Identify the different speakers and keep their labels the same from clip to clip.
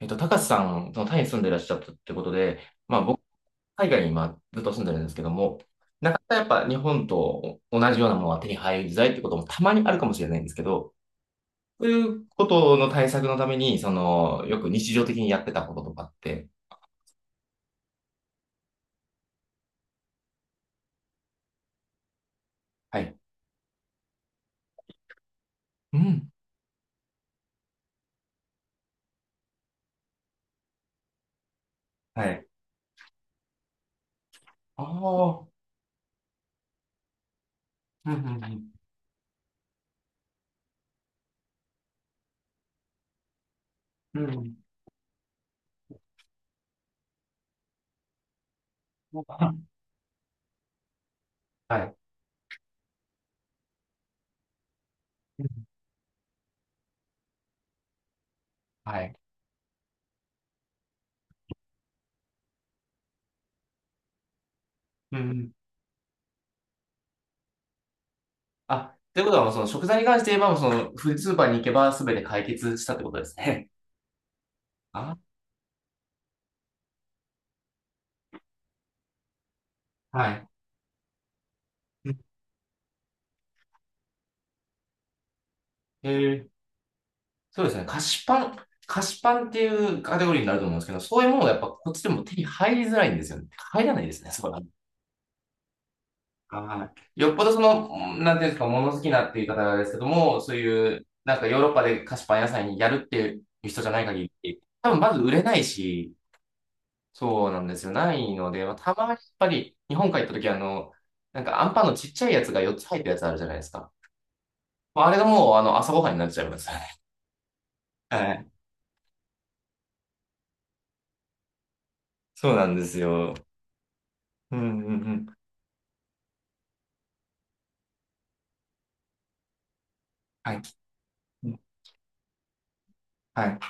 Speaker 1: 高瀬さん、そのタイに住んでらっしゃったってことで、まあ僕、海外に今ずっと住んでるんですけども、なかなかやっぱ日本と同じようなものは手に入りづらいってこともたまにあるかもしれないんですけど、そういうことの対策のために、その、よく日常的にやってたこととかって。はい。うん。はい。ああ。うんうんうん。うん。はい。うんはい。うん。あ、ということはもうその食材に関して言えば、もうそのフースーパーに行けば全て解決したってことですね。あ、はい。へえ、そうですね。菓子パンっていうカテゴリーになると思うんですけど、そういうものがやっぱこっちでも手に入りづらいんですよね。入らないですね、そこら。はい。よっぽどその、なんていうんですか、物好きなっていう方ですけども、そういう、なんかヨーロッパで菓子パン屋さんにやるっていう人じゃない限り、多分まず売れないし、そうなんですよ。ないので、まあ、たまにやっぱり日本帰った時なんかアンパンのちっちゃいやつが4つ入ったやつあるじゃないですか。まああれがもうあの朝ごはんになっちゃいますよね。はい。そうなんですよ。うんうんうんはい。うんはい。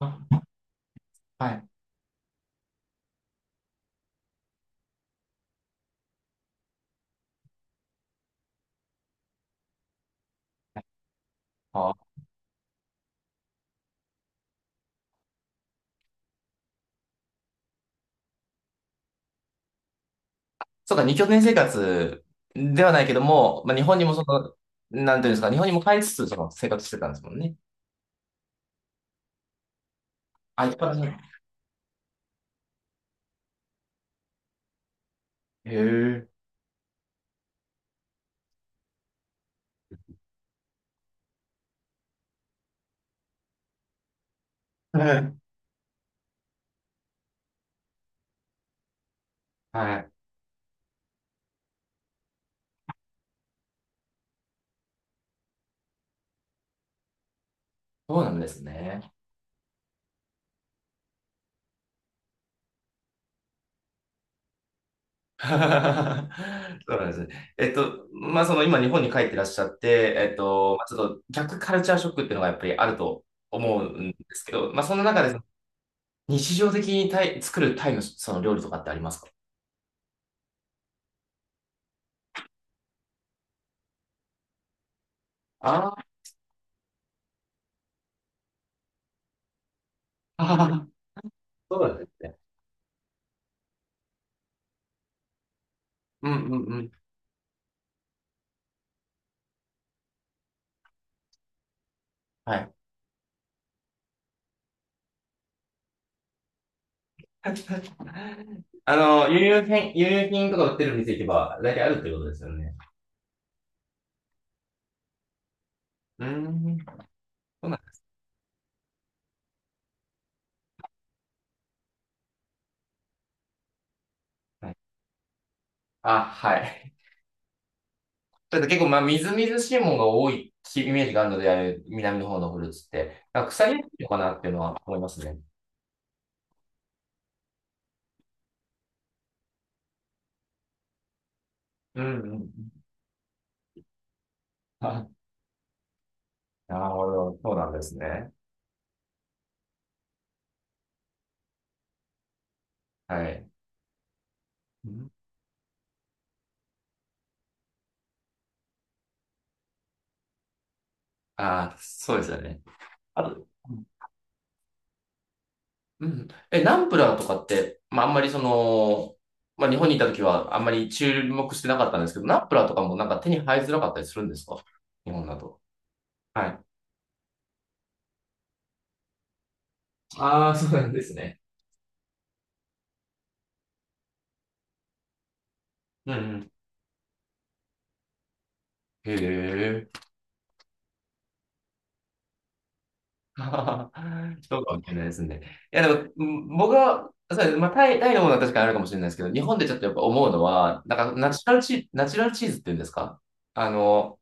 Speaker 1: あはい。あ、そうか、二拠点生活ではないけども、まあ、日本にもその、なんていうんですか、日本にも帰りつつ、その生活してたんですもんね。あ、一般の。へえ。はいはい。そうなんですね。そうなんですね。まあ、その今日本に帰ってらっしゃって、まあ、ちょっと逆カルチャーショックっていうのがやっぱりあると思うんですけど、まあ、そんな中でその日常的にタイ、作るタイのその料理とかってありますか？ああー、そうなんですねうんうんうん。はい。あの、輸入品とか売ってる店行けば、大体あるってことですよね。うーん。そうなんですね。あ、はい。ただ結構、まあ、みずみずしいものが多いイメージがあるので、あれ南の方のフルーツって、なんか腐りやすいのかなっていうのは思いますね。うんうんうん。あ、なるほど。そうなんですね。はい。うんあ、そうですよね。あと、うん。え、ナンプラーとかって、まあ、あんまりその、まあ、日本にいた時はあんまり注目してなかったんですけど、ナンプラーとかもなんか手に入りづらかったりするんですか？日本だと。はい。ああ、そうなんですね。うんうんへえ。そうかもしれないですね。いや、でも、うん僕は、そうですまあ、タイのものは確かにあるかもしれないですけど、日本でちょっとやっぱ思うのは、なんか、ナチュラルチーズっていうんですか？あの、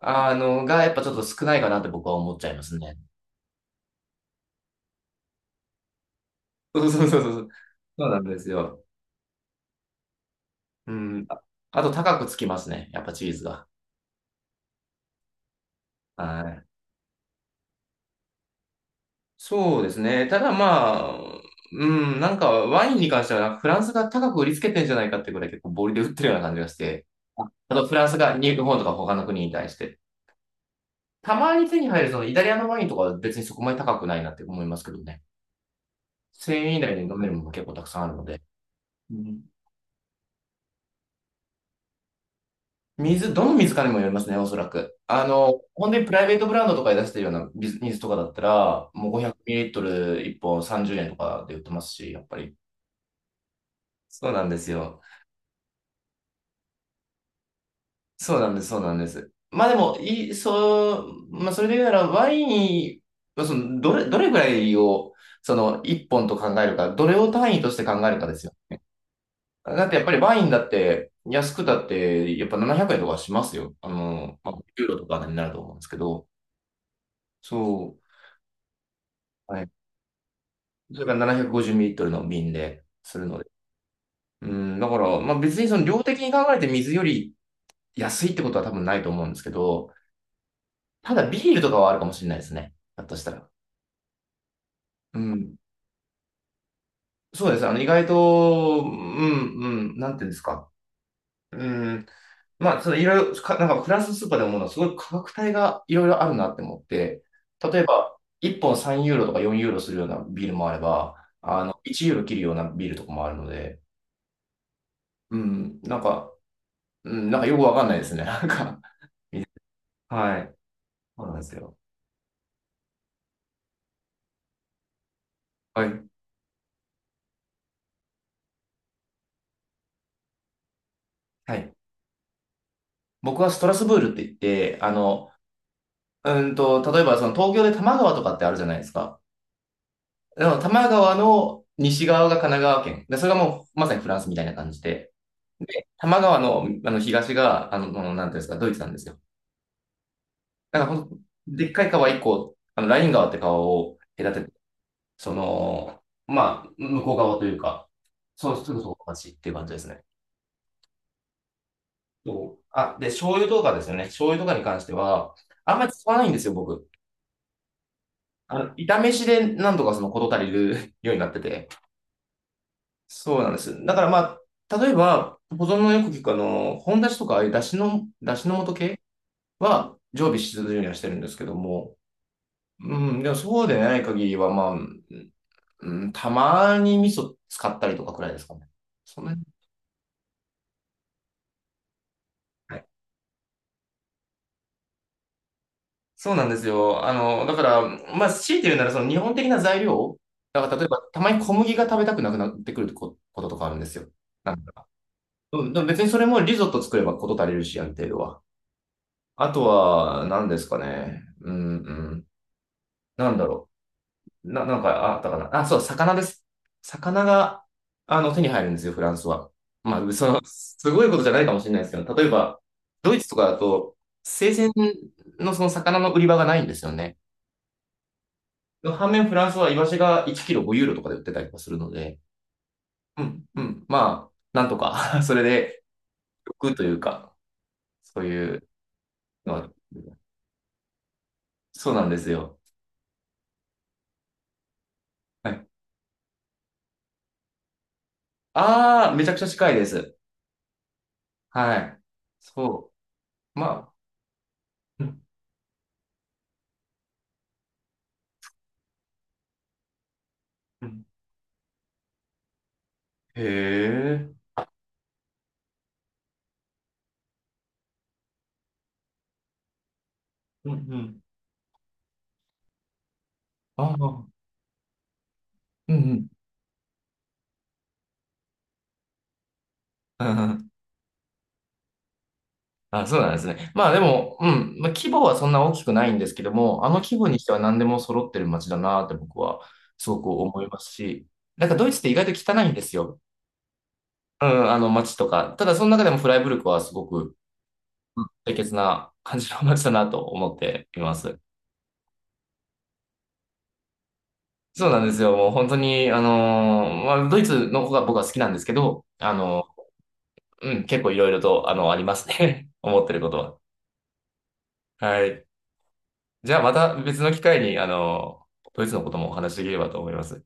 Speaker 1: あの、がやっぱちょっと少ないかなって僕は思っちゃいますね。そうそうそうそう。そうなんですよ。うん。ああと高くつきますね。やっぱチーズが。はい。そうですね。ただまあ、うん、なんかワインに関してはなんかフランスが高く売りつけてんじゃないかってぐらい結構ボリで売ってるような感じがして。ああとフランスが日本とか他の国に対して。たまに手に入るそのイタリアのワインとかは別にそこまで高くないなって思いますけどね。1,000円以内で飲めるものも結構たくさんあるので。うん水、どの水かにもよりますね、おそらく。あの、本当にプライベートブランドとかで出してるような水とかだったら、もう 500ml 1本30円とかで売ってますし、やっぱり。そうなんですよ。そうなんです。まあでも、いい、そう、まあそれで言うなら、ワイン、まあその、どれぐらいを、その、1本と考えるか、どれを単位として考えるかですよ。だってやっぱりワインだって、安くだって、やっぱ700円とかしますよ。あの、まあ、ユーロとかになると思うんですけど、そう。はいそれから750ミリリットルの瓶でするので。うん、だから、まあ別にその量的に考えて水より安いってことは多分ないと思うんですけど、ただビールとかはあるかもしれないですね。だとしたら。うん。そうです。あの、意外と、うん、うん、なんていうんですか。うん。まあ、そのいろいろか、なんかフランスのスーパーで思うのはすごい価格帯がいろいろあるなって思って、例えば、1本3ユーロとか4ユーロするようなビールもあれば、あの、1ユーロ切るようなビールとかもあるので、うん、なんか、うん、なんかよくわかんないですね。なんか、はい。そうなんですよ。はい。はい。僕はストラスブールって言って、あの、うんと、例えばその東京で多摩川とかってあるじゃないですか。でも多摩川の西側が神奈川県。で、それがもうまさにフランスみたいな感じで。で、多摩川の、あの東が、あの、あのなんていうんですか、ドイツなんですよ。だからほんと、でっかい川一個、あの、ライン川って川を隔てて、その、まあ、向こう側というか、そう、すぐそこが街っていう感じですね。そう。あ、で、醤油とかですよね。醤油とかに関しては、あんまり使わないんですよ、僕。あの、炒めしでなんとかその事足りる ようになってて。そうなんです。だからまあ、例えば、保存のよく聞くあの、本出しとか、ああいう出汁の素系は常備し続けるようにはしてるんですけども、うん、でもそうでない限りは、まあ、うん、たまに味噌使ったりとかくらいですかね。そんなに。はいそうなんですよ。あの、だから、まあ、強いて言うなら、その日本的な材料、だから例えば、たまに小麦が食べたくなくなってくることとかあるんですよ。なんか、うん、でも別にそれもリゾット作ればこと足りるし、ある程度は。あとは、何ですかね。うん、うん。なんだろう。なんか、あったかな。あ、そう、魚です。魚が、あの、手に入るんですよ、フランスは。まあ、その、すごいことじゃないかもしれないですけど、例えば、ドイツとかだと、生鮮のその魚の売り場がないんですよね。反面フランスはイワシが1キロ5ユーロとかで売ってたりとかするので、うん、うん、まあ、なんとか それで欲というか、そういうのは、そうなんですよ。はい。ああ、めちゃくちゃ近いです。はい。そう。まあ、うんうんへえ。うんうん。ああ、うんうん。うんうん あ、そうなんですね。まあでも、うん、まあ、規模はそんな大きくないんですけども、あの規模にしては何でも揃ってる街だなって僕はすごく思いますし、なんかドイツって意外と汚いんですよ。うん、あの街とか。ただその中でもフライブルクはすごくうん清潔な感じの街だなと思っています。そうなんですよ。もう本当に、あのーまあ、ドイツの方が僕は好きなんですけど、あのうん、結構いろいろと、あの、ありますね。思ってることは。はい。じゃあまた別の機会に、あのドイツのこともお話しできればと思います。